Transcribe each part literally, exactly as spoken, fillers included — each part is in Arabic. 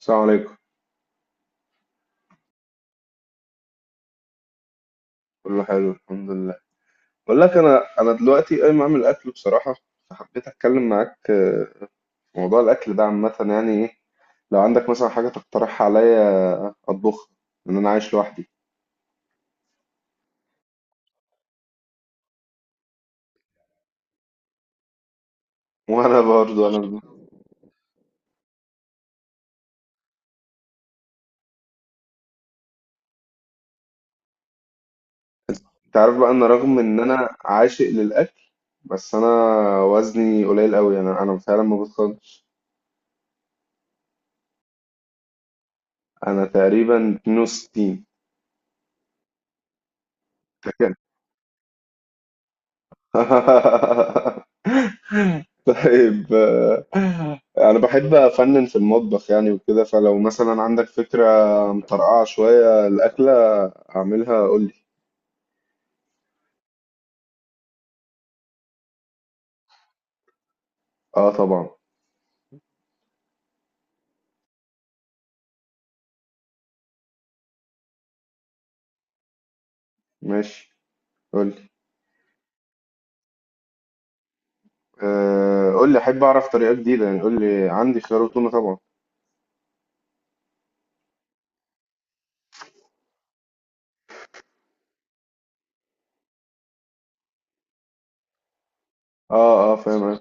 السلام عليكم. كله حلو الحمد لله. بقول لك انا انا دلوقتي قايم اعمل اكل بصراحه، فحبيت اتكلم معاك آه، في موضوع الاكل ده عامه. يعني ايه لو عندك مثلا حاجه تقترحها عليا اطبخها، لان انا عايش لوحدي. وانا برضو انا انت عارف بقى ان رغم ان انا عاشق للاكل، بس انا وزني قليل قوي. انا انا فعلا ما بتخنش. انا تقريبا اتنين وستين. طيب. آه، انا بحب افنن في المطبخ يعني وكده، فلو مثلا عندك فكرة مطرقعة شوية الاكلة اعملها قولي. اه طبعا. ماشي، قولي. آه، قولي، احب اعرف طريقة جديدة. يعني قولي، عندي خيار وتونة طبعا. اه، اه، فاهم أوي.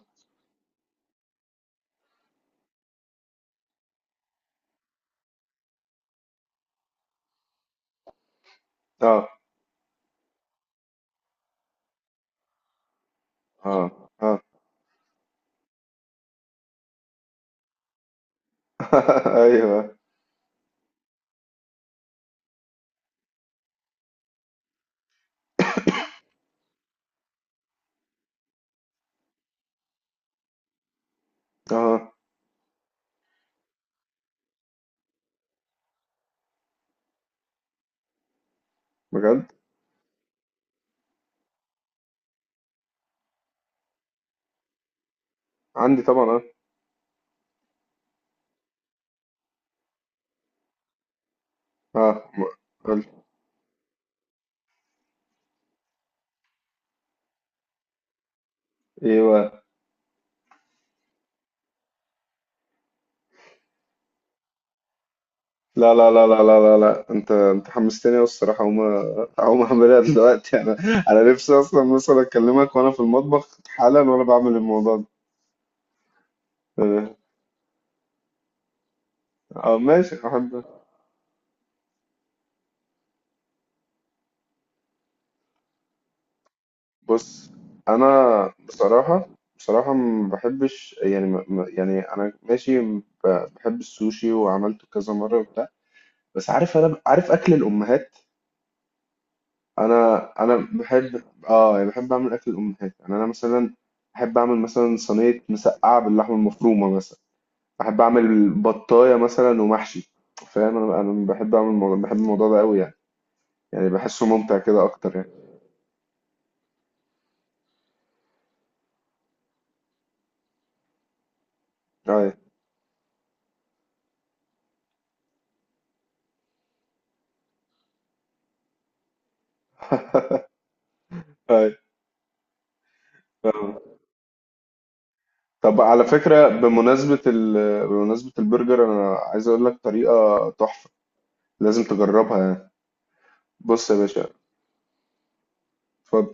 اه، اه، اه. ايوه. اه، بجد. عندي طبعا اه. اه، قولي. ايوه. لا، لا، لا، لا، لا، لا، لا، انت انت حمستني أوي الصراحه. هقوم هقوم اعملها دلوقتي. انا انا نفسي اصلا مثلا اكلمك وانا في المطبخ حالا وانا بعمل الموضوع ده. اه. آه، ماشي، احب. بص، انا بصراحه، بصراحه ما بحبش يعني، ما ما- يعني انا ماشي. م- بحب السوشي وعملته كذا مره وبتاع، بس عارف انا عارف اكل الامهات. انا انا بحب. اه، يعني بحب اعمل اكل الامهات، يعني انا مثلا بحب اعمل مثلا صينيه مسقعه باللحمه المفرومه مثلا. بحب اعمل بطايه مثلا ومحشي. فاهم؟ انا انا بحب اعمل الموضوع، بحب الموضوع ده قوي يعني يعني بحسه ممتع كده اكتر يعني. اي، اي. آه. طب على فكره، بمناسبه ال... بمناسبه البرجر، انا عايز اقول لك طريقه تحفه، لازم تجربها يعني. بص يا باشا. اتفضل.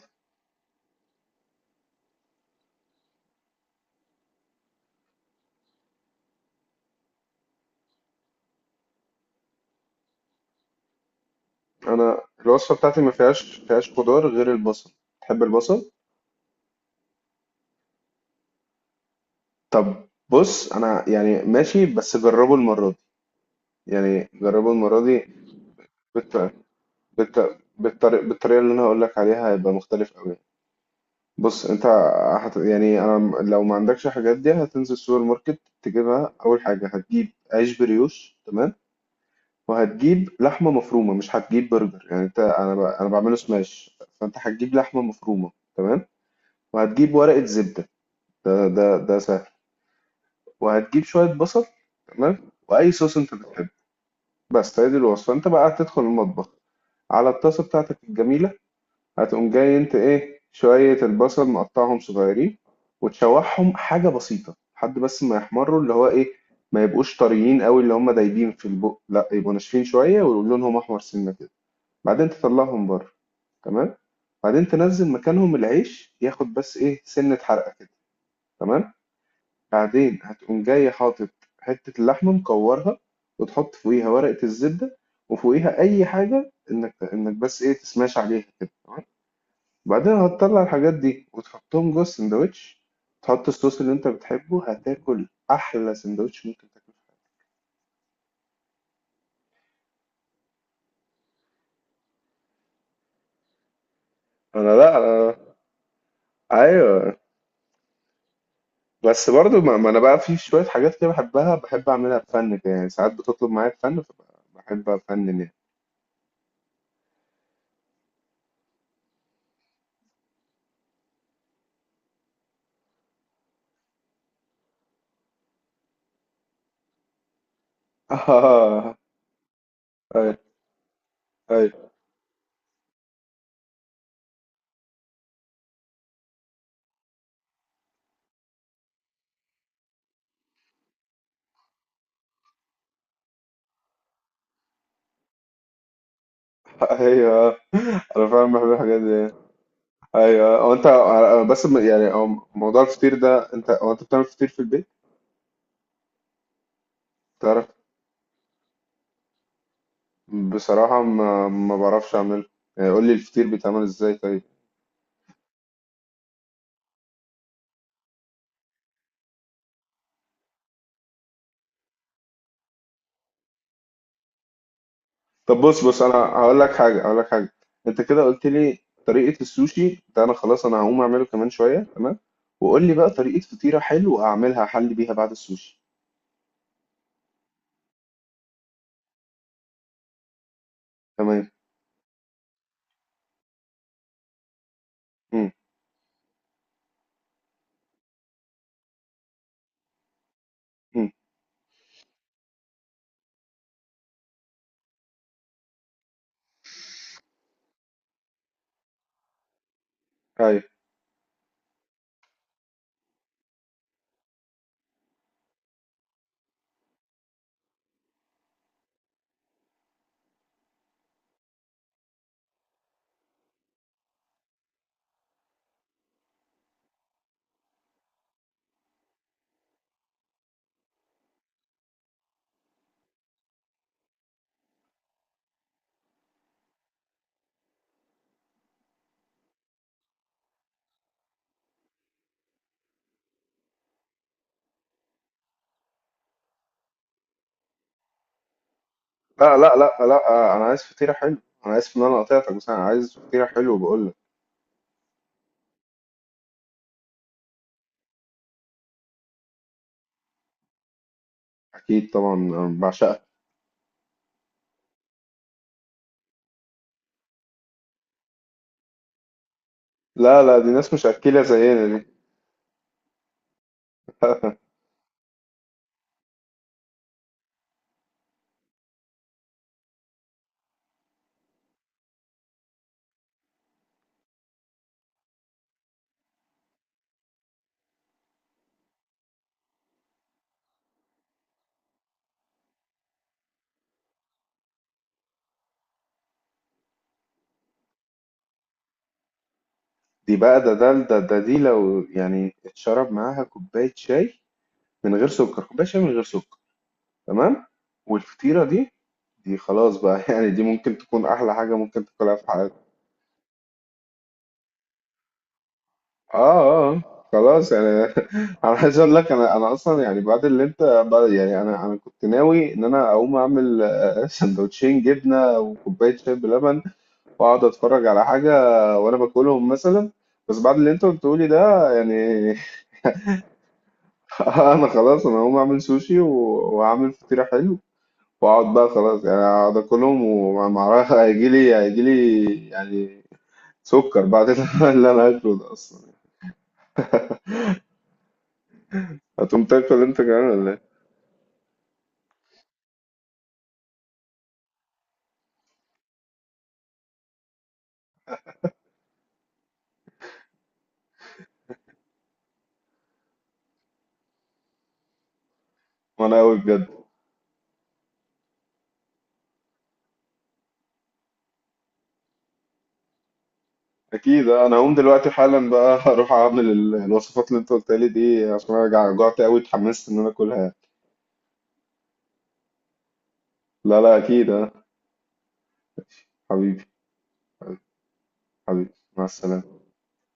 انا الوصفه بتاعتي ما فيهاش فيهاش خضار غير البصل. تحب البصل؟ طب بص، انا يعني ماشي، بس جربه المره دي، يعني جربه المره دي. بالط- بالطريقة بالطريقة اللي انا هقول لك عليها هيبقى مختلف قوي. بص، انت هت... يعني انا م- لو ما عندكش الحاجات دي هتنزل السوبر ماركت تجيبها. اول حاجة هتجيب عيش بريوش، تمام. وهتجيب لحمة مفرومة، مش هتجيب برجر يعني انت، انا ب... انا بعمله سماش. فانت هتجيب لحمة مفرومة، تمام. وهتجيب ورقة زبدة، ده ده ده سهل. وهتجيب شوية بصل، تمام. واي صوص انت بتحبه. بس هي دي الوصفة. انت بقى هتدخل المطبخ، على الطاسة بتاعتك الجميلة. هتقوم جاي، انت ايه، شوية البصل مقطعهم صغيرين، وتشوحهم حاجة بسيطة لحد بس ما يحمروا، اللي هو ايه، ما يبقوش طريين قوي اللي هم دايبين في البق، لا، يبقوا ناشفين شوية ولونهم احمر سنة كده. بعدين تطلعهم بره، تمام. بعدين تنزل مكانهم العيش، ياخد بس ايه سنة حرقة كده، تمام. بعدين هتقوم جاي حاطط حتة اللحمة مكورها، وتحط فوقيها ورقة الزبدة، وفوقيها أي حاجة، إنك إنك بس إيه تسماش عليها كده، تمام. بعدين هتطلع الحاجات دي وتحطهم جوه السندوتش. تحط الصوص اللي انت بتحبه، هتاكل احلى سندوتش ممكن تاكله. انا، لا، أنا... ايوه، بس برضو ما, ما انا بقى في شويه حاجات كده بحبها، بحب اعملها بفن كده يعني. ساعات بتطلب معايا بفن، فبحب افنن يعني. اه. ايوه، ايوه، ايوه، انا فعلا بحب الحاجات دي. ايوه، هو انت، بس يعني هو موضوع الفطير ده، انت هو انت بتعمل فطير في البيت؟ تعرف، بصراحة ما ما بعرفش اعمل. يعني قول لي الفطير بيتعمل ازاي طيب؟ طب بص، بص انا هقول لك حاجة هقول لك حاجة انت كده قلت لي طريقة السوشي ده، انا خلاص انا هقوم اعمله كمان شوية، تمام. وقول لي بقى طريقة فطيرة حلوة اعملها، حل بيها بعد السوشي. تمام. امم امم ايوه. لا، لا، لا، لا، انا عايز فطيرة حلوة. انا عايز ان انا قطعتك، بس انا عايز فطيرة حلوة بقول لك. اكيد طبعا، أنا بعشقها. لا، لا، دي ناس مش اكيلة زينا دي. دي بقى ده ده ده, ده دي لو يعني اتشرب معاها كوباية شاي من غير سكر، كوباية شاي من غير سكر، تمام. والفطيرة دي، دي خلاص بقى يعني دي ممكن تكون أحلى حاجة ممكن تاكلها في حياتك. آه، آه، آه. خلاص يعني. أنا عايز أقول لك، أنا أنا أصلا يعني بعد اللي أنت، بعد يعني أنا أنا كنت ناوي إن أنا أقوم أعمل آه، آه، سندوتشين جبنة وكوباية شاي بلبن، وأقعد أتفرج على حاجة وأنا باكلهم مثلا. بس بعد اللي أنت قلته لي ده يعني انا خلاص انا هقوم اعمل سوشي و- واعمل فطيرة حلو، واقعد بقى خلاص يعني اقعد اكلهم. ومعرفش، هيجي لي هيجي لي يعني سكر بعد اللي انا اكله ده اصلا. هتقوم تاكل انت كمان ولا ايه؟ وانا قوي بجد. اكيد، أه. انا هقوم دلوقتي حالا بقى هروح اعمل ال- الوصفات اللي انت قلتها لي دي، عشان انا جع- جعت قوي، اتحمست ان انا اكلها. لا، لا، اكيد اه. حبيبي. حبيبي. مع السلامة.